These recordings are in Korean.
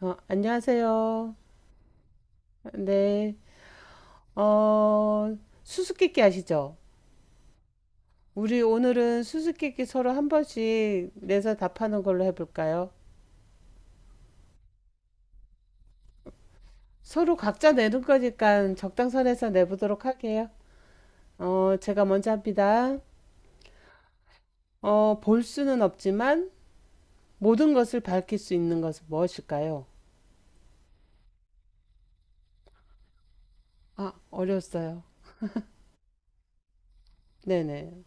안녕하세요. 네. 어, 수수께끼 아시죠? 우리 오늘은 수수께끼 서로 한 번씩 내서 답하는 걸로 해볼까요? 서로 각자 내는 거니까 적당선에서 내보도록 할게요. 제가 먼저 합니다. 볼 수는 없지만 모든 것을 밝힐 수 있는 것은 무엇일까요? 아, 어려웠어요. 네네.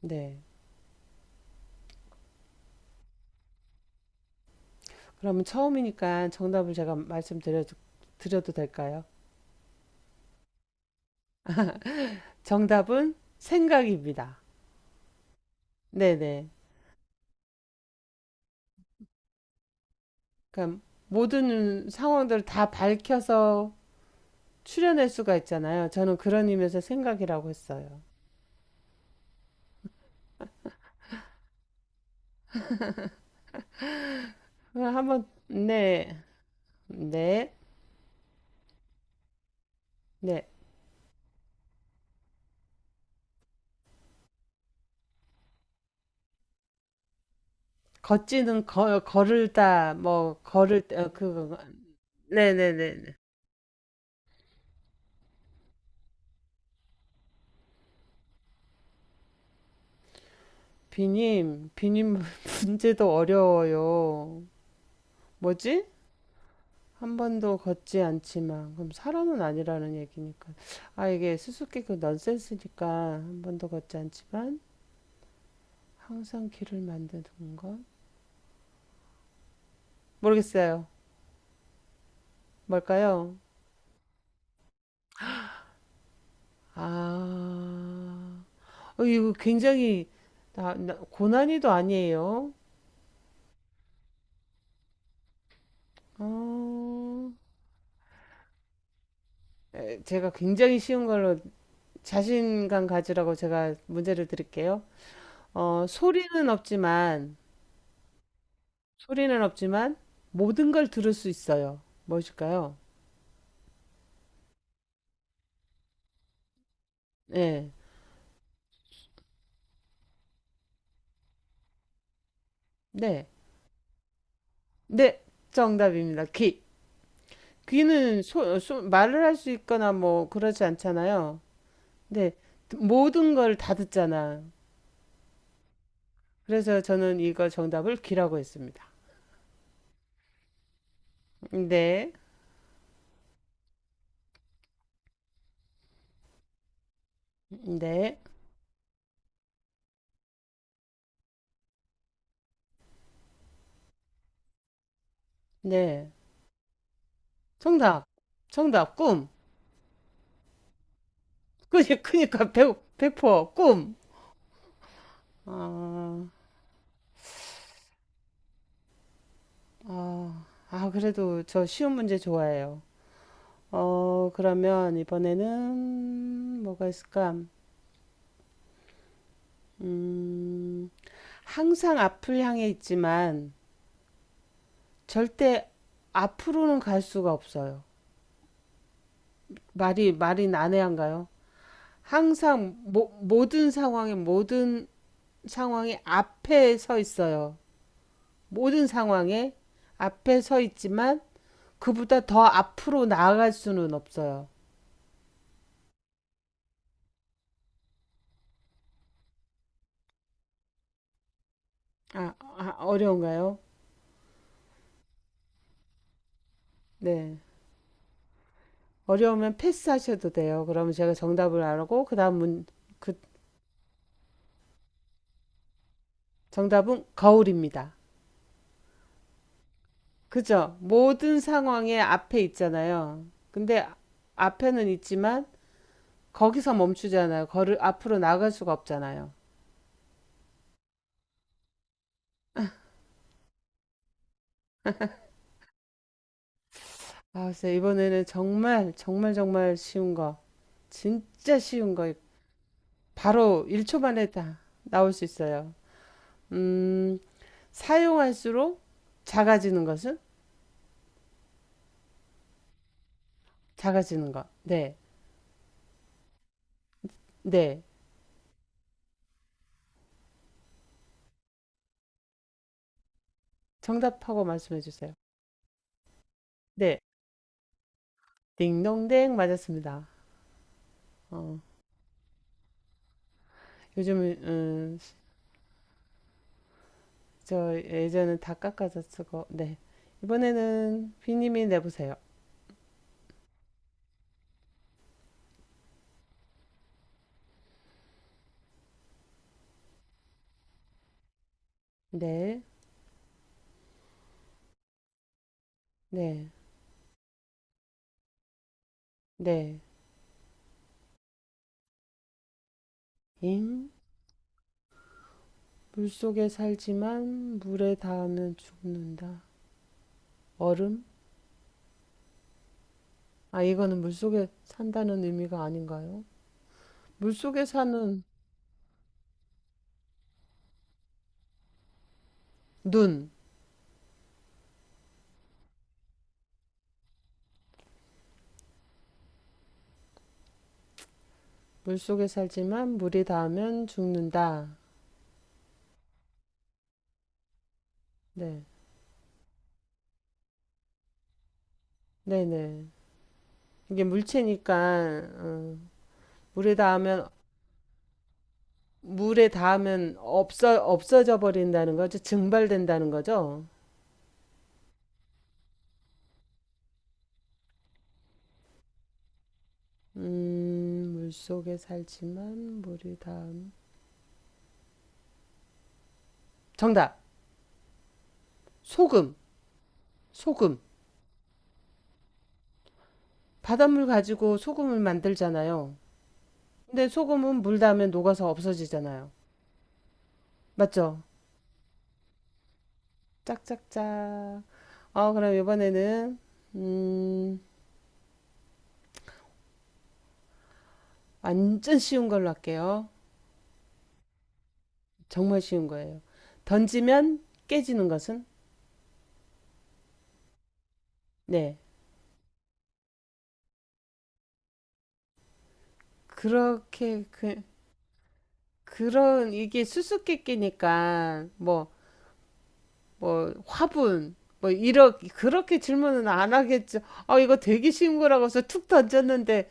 네. 그러면 처음이니까 드려도 될까요? 정답은 생각입니다. 네네. 그러니까 모든 상황들을 다 밝혀서 추려낼 수가 있잖아요. 저는 그런 의미에서 생각이라고 했어요. 그럼 한번, 네, 네, 네. 뭐, 걸을 때, 어, 그거, 네네네네. 비님, 비님 문제도 어려워요. 뭐지? 한 번도 걷지 않지만, 그럼 사람은 아니라는 얘기니까. 아, 이게 수수께끼 그 넌센스니까, 한 번도 걷지 않지만, 항상 길을 만드는 건? 모르겠어요. 뭘까요? 아, 이거 굉장히 고난이도 아니에요. 어, 제가 굉장히 쉬운 걸로 자신감 가지라고 제가 문제를 드릴게요. 소리는 없지만, 소리는 없지만 모든 걸 들을 수 있어요. 무엇일까요? 네, 네, 네, 정답입니다. 귀. 귀는 말을 할 수 있거나 뭐 그러지 않잖아요. 네, 모든 걸 다 듣잖아. 그래서 저는 이거 정답을 귀라고 했습니다. 네, 네, 네. 정답, 정답, 꿈. 그니까, 백퍼, 꿈. 아, 아, 아, 그래도 저 쉬운 문제 좋아해요. 그러면 이번에는 뭐가 있을까? 음, 항상 앞을 향해 있지만 절대 앞으로는 갈 수가 없어요. 말이 난해한가요? 모든 상황에 모든 상황이 앞에 서 있어요. 모든 상황에 앞에 서 있지만 그보다 더 앞으로 나아갈 수는 없어요. 아, 어려운가요? 네. 어려우면 패스하셔도 돼요. 그러면 제가 정답을 알고 그다음 문, 그 정답은 거울입니다. 그죠? 모든 상황에 앞에 있잖아요. 근데 앞에는 있지만 거기서 멈추잖아요. 거를 앞으로 나갈 수가 없잖아요. 아, 진짜 이번에는 정말, 정말, 정말 쉬운 거. 진짜 쉬운 거. 바로 1초 만에 다 나올 수 있어요. 음, 사용할수록 작아지는 것은? 작아지는 것. 네. 네. 정답하고 말씀해 주세요. 네. 딩동댕 맞았습니다. 어, 요즘, 저 예전에 다 깎아서 쓰고, 네. 이번에는 비님이 내보세요. 네. 네. 네. 잉. 물속에 살지만 물에 닿으면 죽는다. 얼음? 아, 이거는 물속에 산다는 의미가 아닌가요? 물속에 사는 눈. 물속에 살지만 물이 닿으면 죽는다. 네. 네네. 이게 물체니까, 어, 물에 닿으면, 물에 닿으면 없어져 버린다는 거죠. 증발된다는 거죠. 물속에 살지만 물이 닿음. 정답! 소금! 소금! 바닷물 가지고 소금을 만들잖아요. 근데 소금은 물 닿으면 녹아서 없어지잖아요. 맞죠? 짝짝짝. 그럼 이번에는, 음, 완전 쉬운 걸로 할게요. 정말 쉬운 거예요. 던지면 깨지는 것은? 네. 그렇게, 그, 그런, 이게 수수께끼니까, 뭐, 뭐, 화분, 뭐, 이렇게, 그렇게 질문은 안 하겠죠. 아, 이거 되게 쉬운 거라고 해서 툭 던졌는데,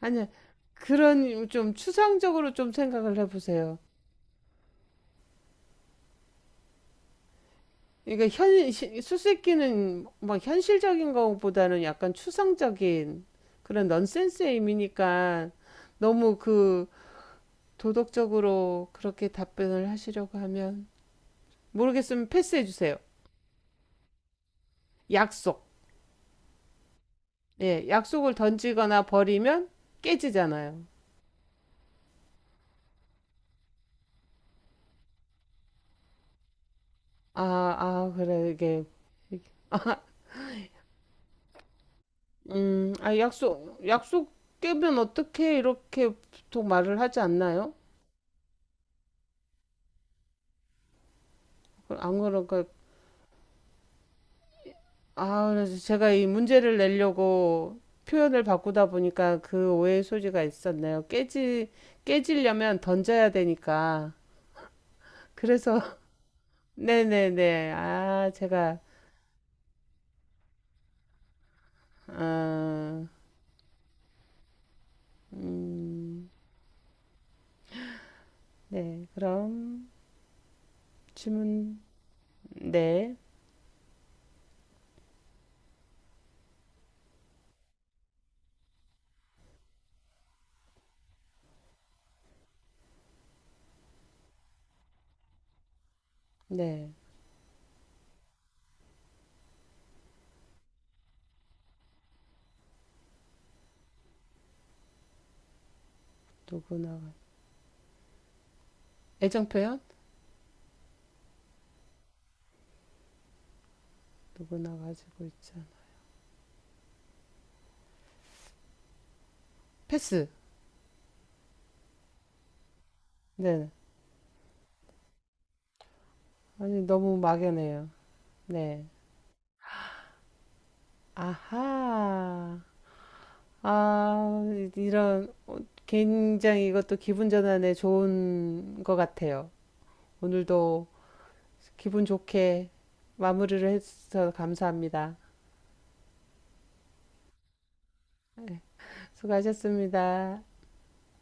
아니, 그런 좀 추상적으로 좀 생각을 해보세요. 수수께끼는 막 현실적인 것보다는 약간 추상적인 그런 넌센스의 의미니까 너무 그 도덕적으로 그렇게 답변을 하시려고 하면 모르겠으면 패스해 주세요. 약속. 예, 약속을 던지거나 버리면 깨지잖아요. 아, 아, 그래, 이게. 아, 약속, 약속 깨면 어떻게 이렇게 보통 말을 하지 않나요? 안 그러니까 아 그래서 제가 이 문제를 내려고 표현을 바꾸다 보니까 그 오해의 소지가 있었네요. 깨지려면 던져야 되니까 그래서 네네네 아 제가 아, 음, 네 그럼 질문 네네 네. 누구나 애정 표현 누구나 가지고 있죠 패스 네 아니 너무 막연해요 네 아하 아, 이런, 굉장히 이것도 기분 전환에 좋은 것 같아요. 오늘도 기분 좋게 마무리를 해주셔서 감사합니다. 네, 수고하셨습니다.